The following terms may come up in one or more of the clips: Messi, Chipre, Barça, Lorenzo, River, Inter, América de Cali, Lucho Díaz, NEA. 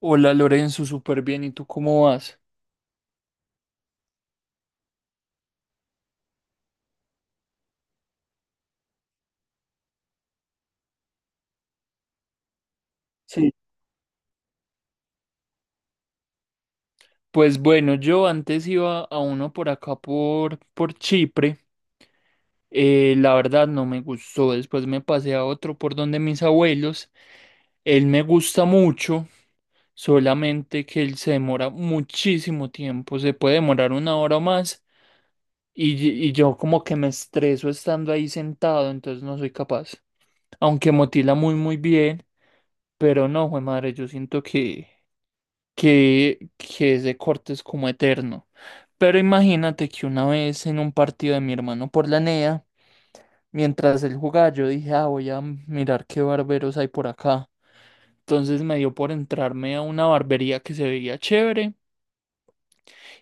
Hola Lorenzo, súper bien. ¿Y tú cómo vas? Sí. Pues bueno, yo antes iba a uno por acá por Chipre. La verdad no me gustó. Después me pasé a otro por donde mis abuelos. Él me gusta mucho, solamente que él se demora muchísimo tiempo. Se puede demorar 1 hora o más. Y, y yo como que me estreso estando ahí sentado, entonces no soy capaz. Aunque motila muy muy bien, pero no, jue madre, yo siento que ese corte es como eterno. Pero imagínate que una vez en un partido de mi hermano por la NEA, mientras él jugaba, yo dije, ah, voy a mirar qué barberos hay por acá. Entonces me dio por entrarme a una barbería que se veía chévere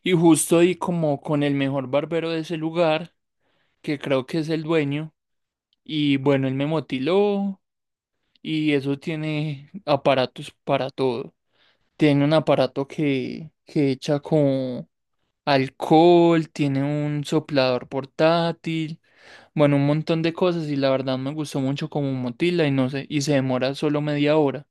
y justo di como con el mejor barbero de ese lugar, que creo que es el dueño, y bueno, él me motiló y eso tiene aparatos para todo. Tiene un aparato que echa con alcohol, tiene un soplador portátil, bueno, un montón de cosas y la verdad me gustó mucho como Motila y no sé, y se demora solo media hora.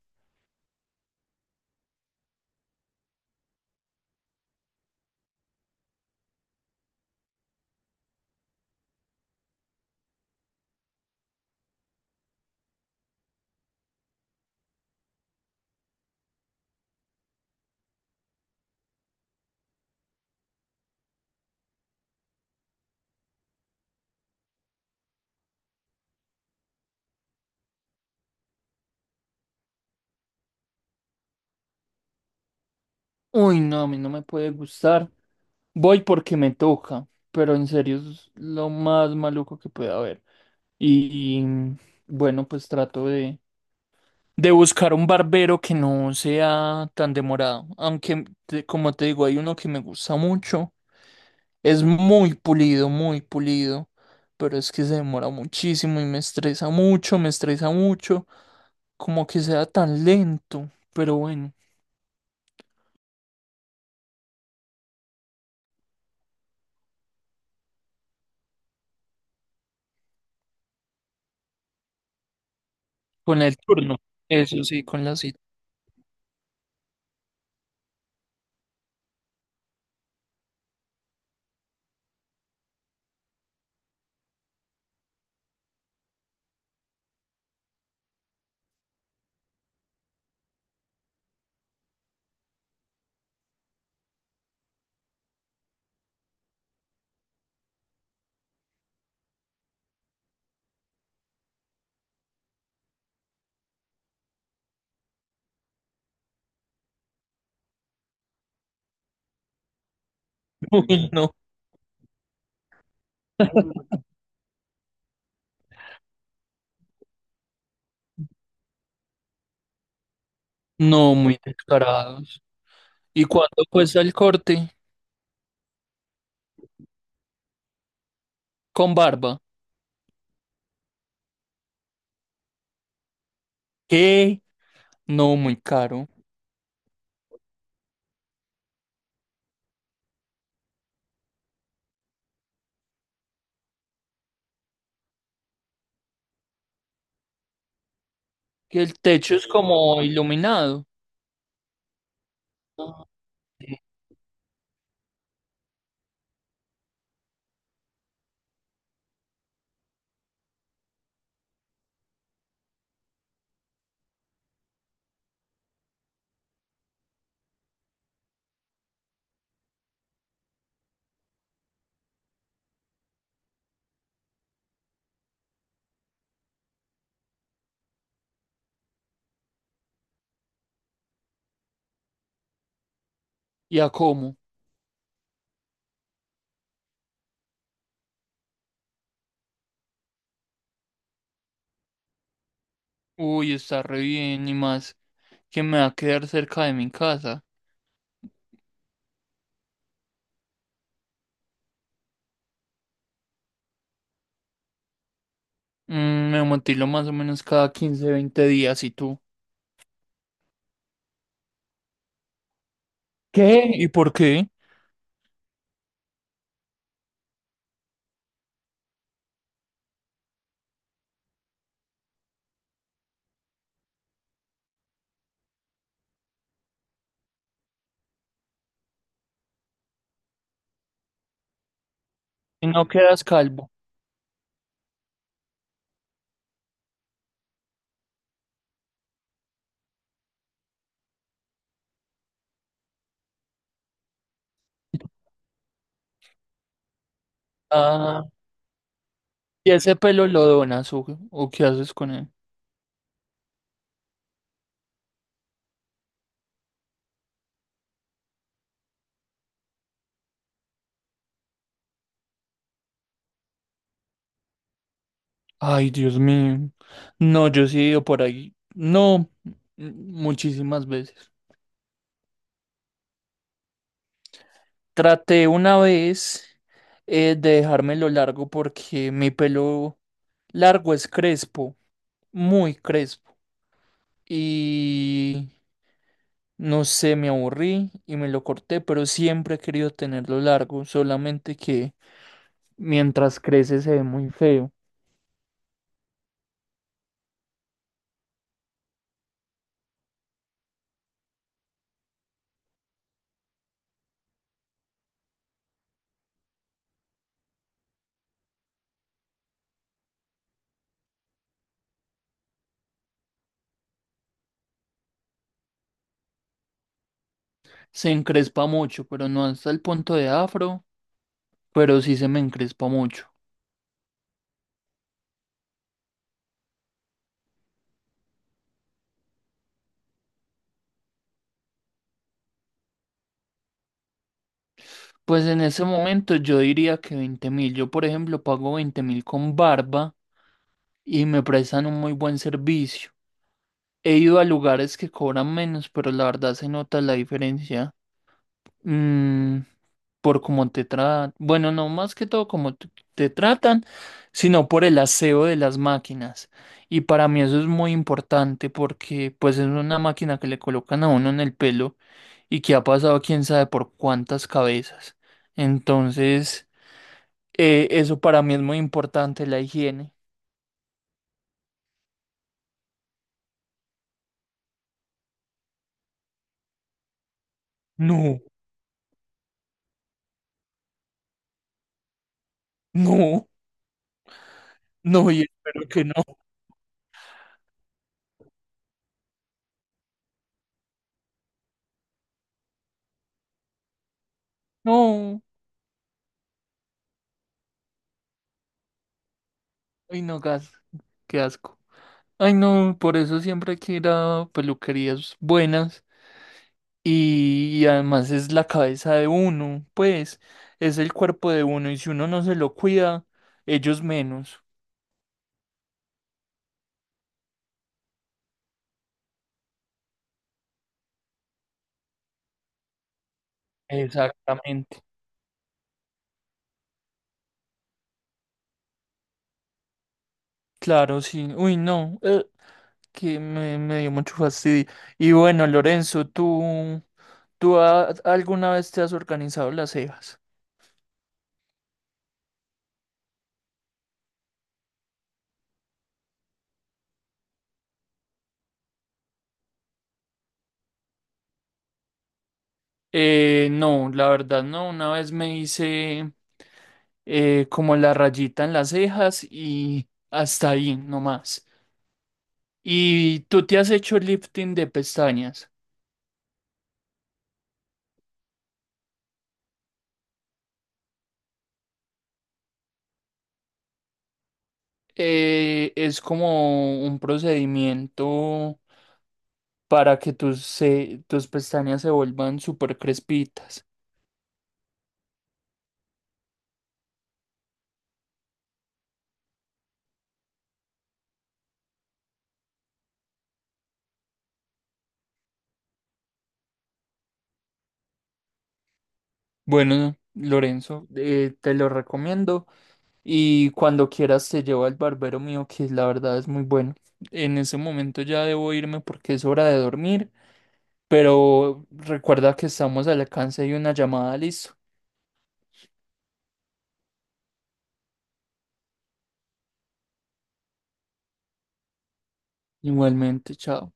Uy, no, a mí no me puede gustar. Voy porque me toca, pero en serio es lo más maluco que puede haber. Y bueno, pues trato de buscar un barbero que no sea tan demorado. Aunque, como te digo, hay uno que me gusta mucho. Es muy pulido, muy pulido. Pero es que se demora muchísimo y me estresa mucho, me estresa mucho. Como que sea tan lento. Pero bueno, con el turno. Eso sí, con la cita. Uy, no. No, muy descarados. ¿Y cuánto cuesta el corte con barba? ¿Qué? No, muy caro. Que el techo es como iluminado. ¿Y a cómo? Uy, está re bien y más que me va a quedar cerca de mi casa. Me motilo más o menos cada 15 20 días. ¿Y tú? ¿Qué? ¿Y por qué? ¿Y no quedas calvo? Ah, ¿y ese pelo lo donas o qué haces con él? Ay, Dios mío. No, yo sí he ido por ahí. No, muchísimas veces. Traté una vez de dejármelo largo porque mi pelo largo es crespo, muy crespo. Y no sé, me aburrí y me lo corté, pero siempre he querido tenerlo largo, solamente que mientras crece se ve muy feo. Se encrespa mucho, pero no hasta el punto de afro, pero sí se me encrespa mucho. Pues en ese momento yo diría que 20.000. Yo, por ejemplo, pago 20.000 con barba y me prestan un muy buen servicio. He ido a lugares que cobran menos, pero la verdad se nota la diferencia. Mm, por cómo te tratan, bueno, no más que todo cómo te tratan, sino por el aseo de las máquinas. Y para mí eso es muy importante porque pues es una máquina que le colocan a uno en el pelo y que ha pasado quién sabe por cuántas cabezas. Entonces, eso para mí es muy importante, la higiene. No, no, no, y espero que no. No, ay no, gas, qué asco. Ay no, por eso siempre hay que ir a peluquerías buenas. Y además es la cabeza de uno, pues es el cuerpo de uno y si uno no se lo cuida, ellos menos. Exactamente. Claro, sí. Uy, no, que me dio mucho fastidio. Y bueno, Lorenzo, ¿tú alguna vez te has organizado las cejas? No, la verdad no. Una vez me hice como la rayita en las cejas y hasta ahí nomás. ¿Y tú te has hecho lifting de pestañas? Es como un procedimiento para que tus pestañas se vuelvan súper crespitas. Bueno, Lorenzo, te lo recomiendo y cuando quieras te llevo al barbero mío, que la verdad es muy bueno. En ese momento ya debo irme porque es hora de dormir, pero recuerda que estamos al alcance de una llamada, listo. Igualmente, chao.